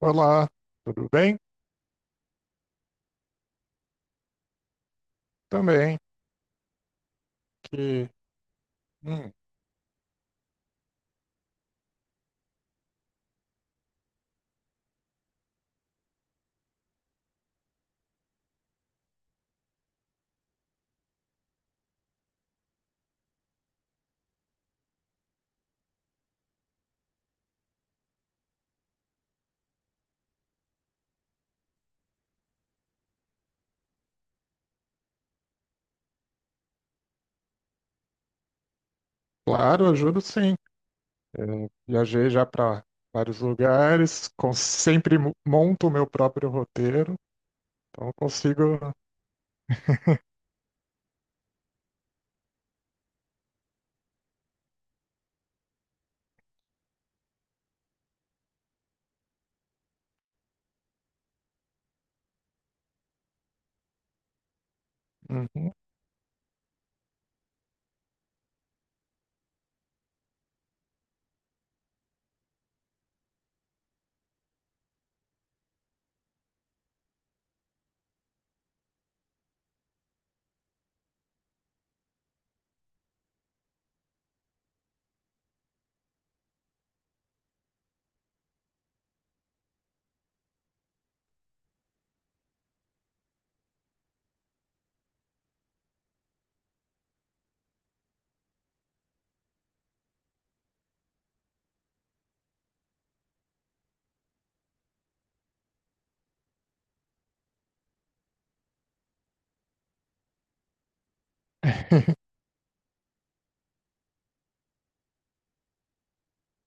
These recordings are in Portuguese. Olá, tudo bem? Também. Que, hum, claro, ajudo sim. É, viajei já para vários lugares, sempre monto o meu próprio roteiro, então consigo. Uhum,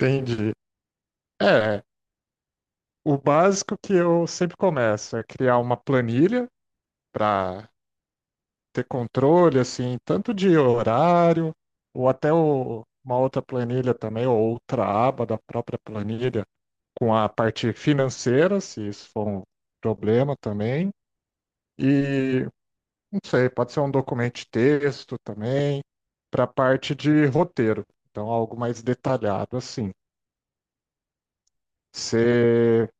entendi. É, o básico que eu sempre começo é criar uma planilha para ter controle, assim, tanto de horário, ou uma outra planilha também, ou outra aba da própria planilha com a parte financeira, se isso for um problema também. E não sei, pode ser um documento de texto também, para a parte de roteiro. Então, algo mais detalhado assim. Você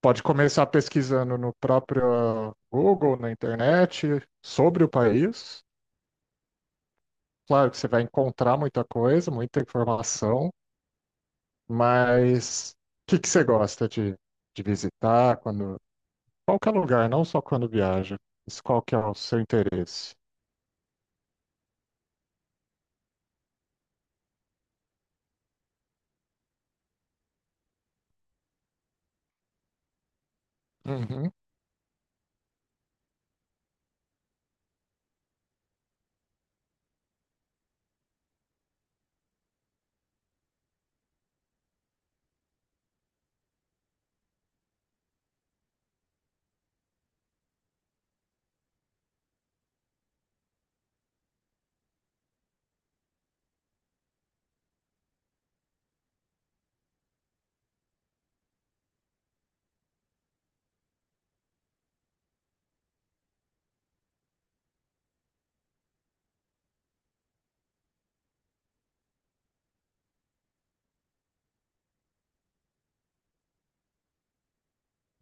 pode começar pesquisando no próprio Google, na internet, sobre o país. Claro que você vai encontrar muita coisa, muita informação, mas o que que você gosta de visitar. Quando qualquer lugar, não só quando viaja. Mas qual que é o seu interesse? Uhum,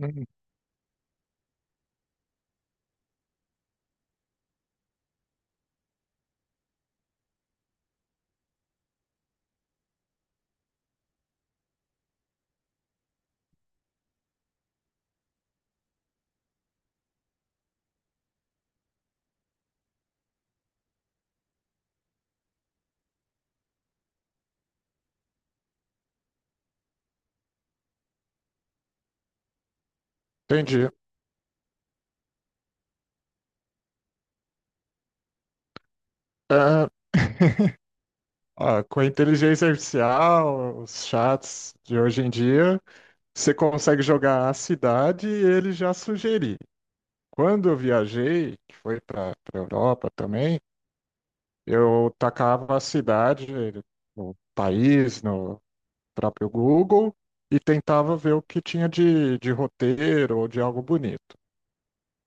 uhum. Entendi. Ah, com a inteligência artificial, os chats de hoje em dia, você consegue jogar a cidade e ele já sugerir. Quando eu viajei, que foi para a Europa também, eu tacava a cidade, o país, no próprio Google e tentava ver o que tinha de roteiro ou de algo bonito.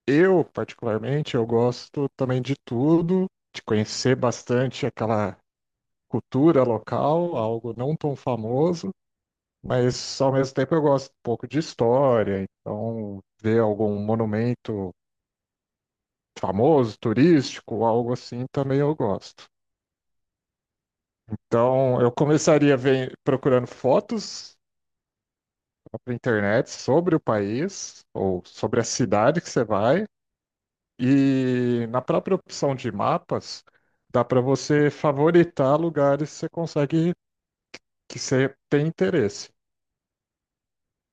Eu, particularmente, eu gosto também de tudo, de conhecer bastante aquela cultura local, algo não tão famoso, mas ao mesmo tempo eu gosto um pouco de história, então ver algum monumento famoso, turístico, algo assim também eu gosto. Então eu começaria procurando fotos para internet sobre o país ou sobre a cidade que você vai. E na própria opção de mapas, dá para você favoritar lugares que você consegue, que você tem interesse.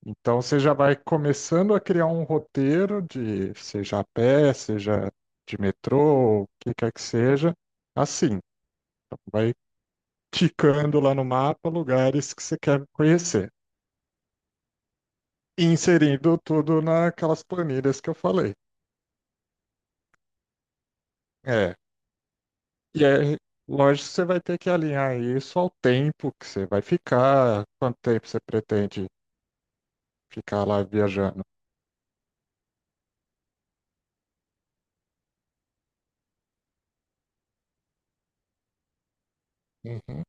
Então você já vai começando a criar um roteiro de seja a pé, seja de metrô, o que quer que seja, assim. Então, vai ticando lá no mapa lugares que você quer conhecer, e inserindo tudo naquelas planilhas que eu falei. É, E aí, lógico, você vai ter que alinhar isso ao tempo que você vai ficar, quanto tempo você pretende ficar lá viajando. Uhum.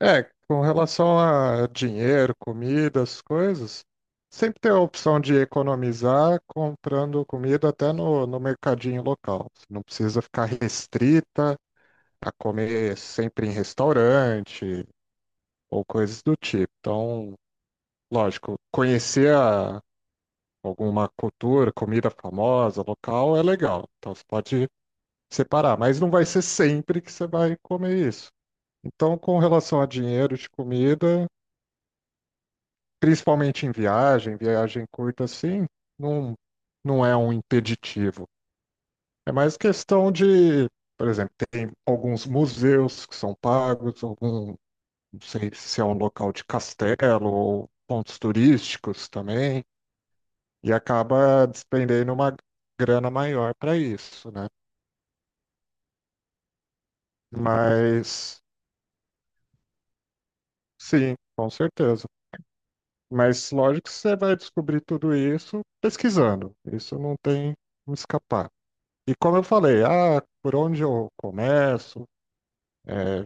Com relação a dinheiro, comidas, coisas, sempre tem a opção de economizar comprando comida até no mercadinho local. Você não precisa ficar restrita a comer sempre em restaurante ou coisas do tipo. Então, lógico, conhecer a alguma cultura, comida famosa, local, é legal. Então você pode separar, mas não vai ser sempre que você vai comer isso. Então, com relação a dinheiro de comida, principalmente em viagem, viagem curta assim, não, não é um impeditivo. É mais questão de, por exemplo, tem alguns museus que são pagos, algum, não sei se é um local de castelo ou pontos turísticos também, e acaba despendendo uma grana maior para isso, né? Mas sim, com certeza. Mas lógico que você vai descobrir tudo isso pesquisando. Isso não tem como escapar. E como eu falei, ah, por onde eu começo? É,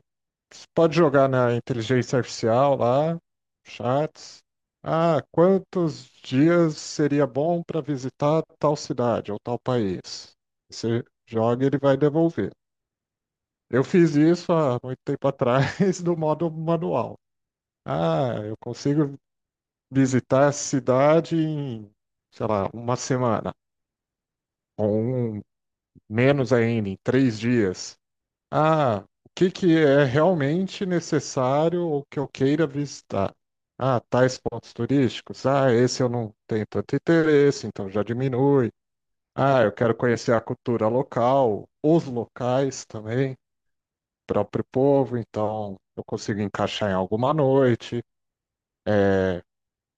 você pode jogar na inteligência artificial lá, chats. Ah, quantos dias seria bom para visitar tal cidade ou tal país? Você joga e ele vai devolver. Eu fiz isso há muito tempo atrás do modo manual. Ah, eu consigo visitar a cidade em, sei lá, uma semana, ou um, menos ainda, em 3 dias. Ah, o que que é realmente necessário ou que eu queira visitar? Ah, tais pontos turísticos. Ah, esse eu não tenho tanto interesse, então já diminui. Ah, eu quero conhecer a cultura local, os locais também, próprio povo, então eu consigo encaixar em alguma noite. É,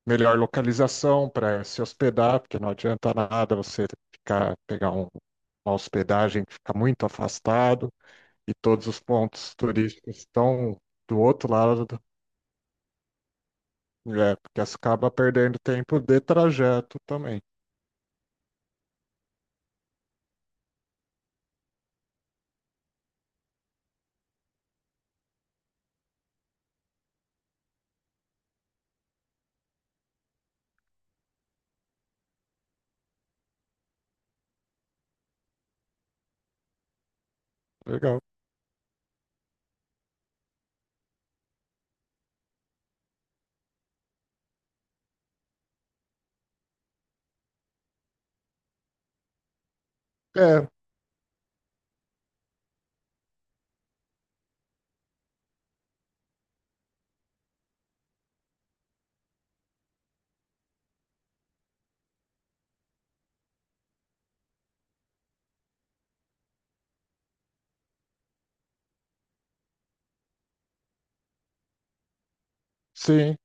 melhor localização para se hospedar, porque não adianta nada você ficar, pegar uma hospedagem que fica muito afastado e todos os pontos turísticos estão do outro lado, é, porque você acaba perdendo tempo de trajeto também. Legal. É, sim.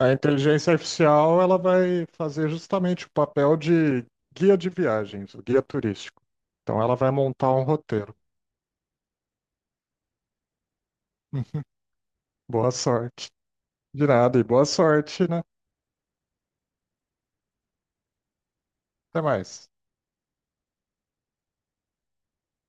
A inteligência artificial ela vai fazer justamente o papel de guia de viagens, o guia turístico. Então ela vai montar um roteiro. Boa sorte. De nada e boa sorte, né? Até mais.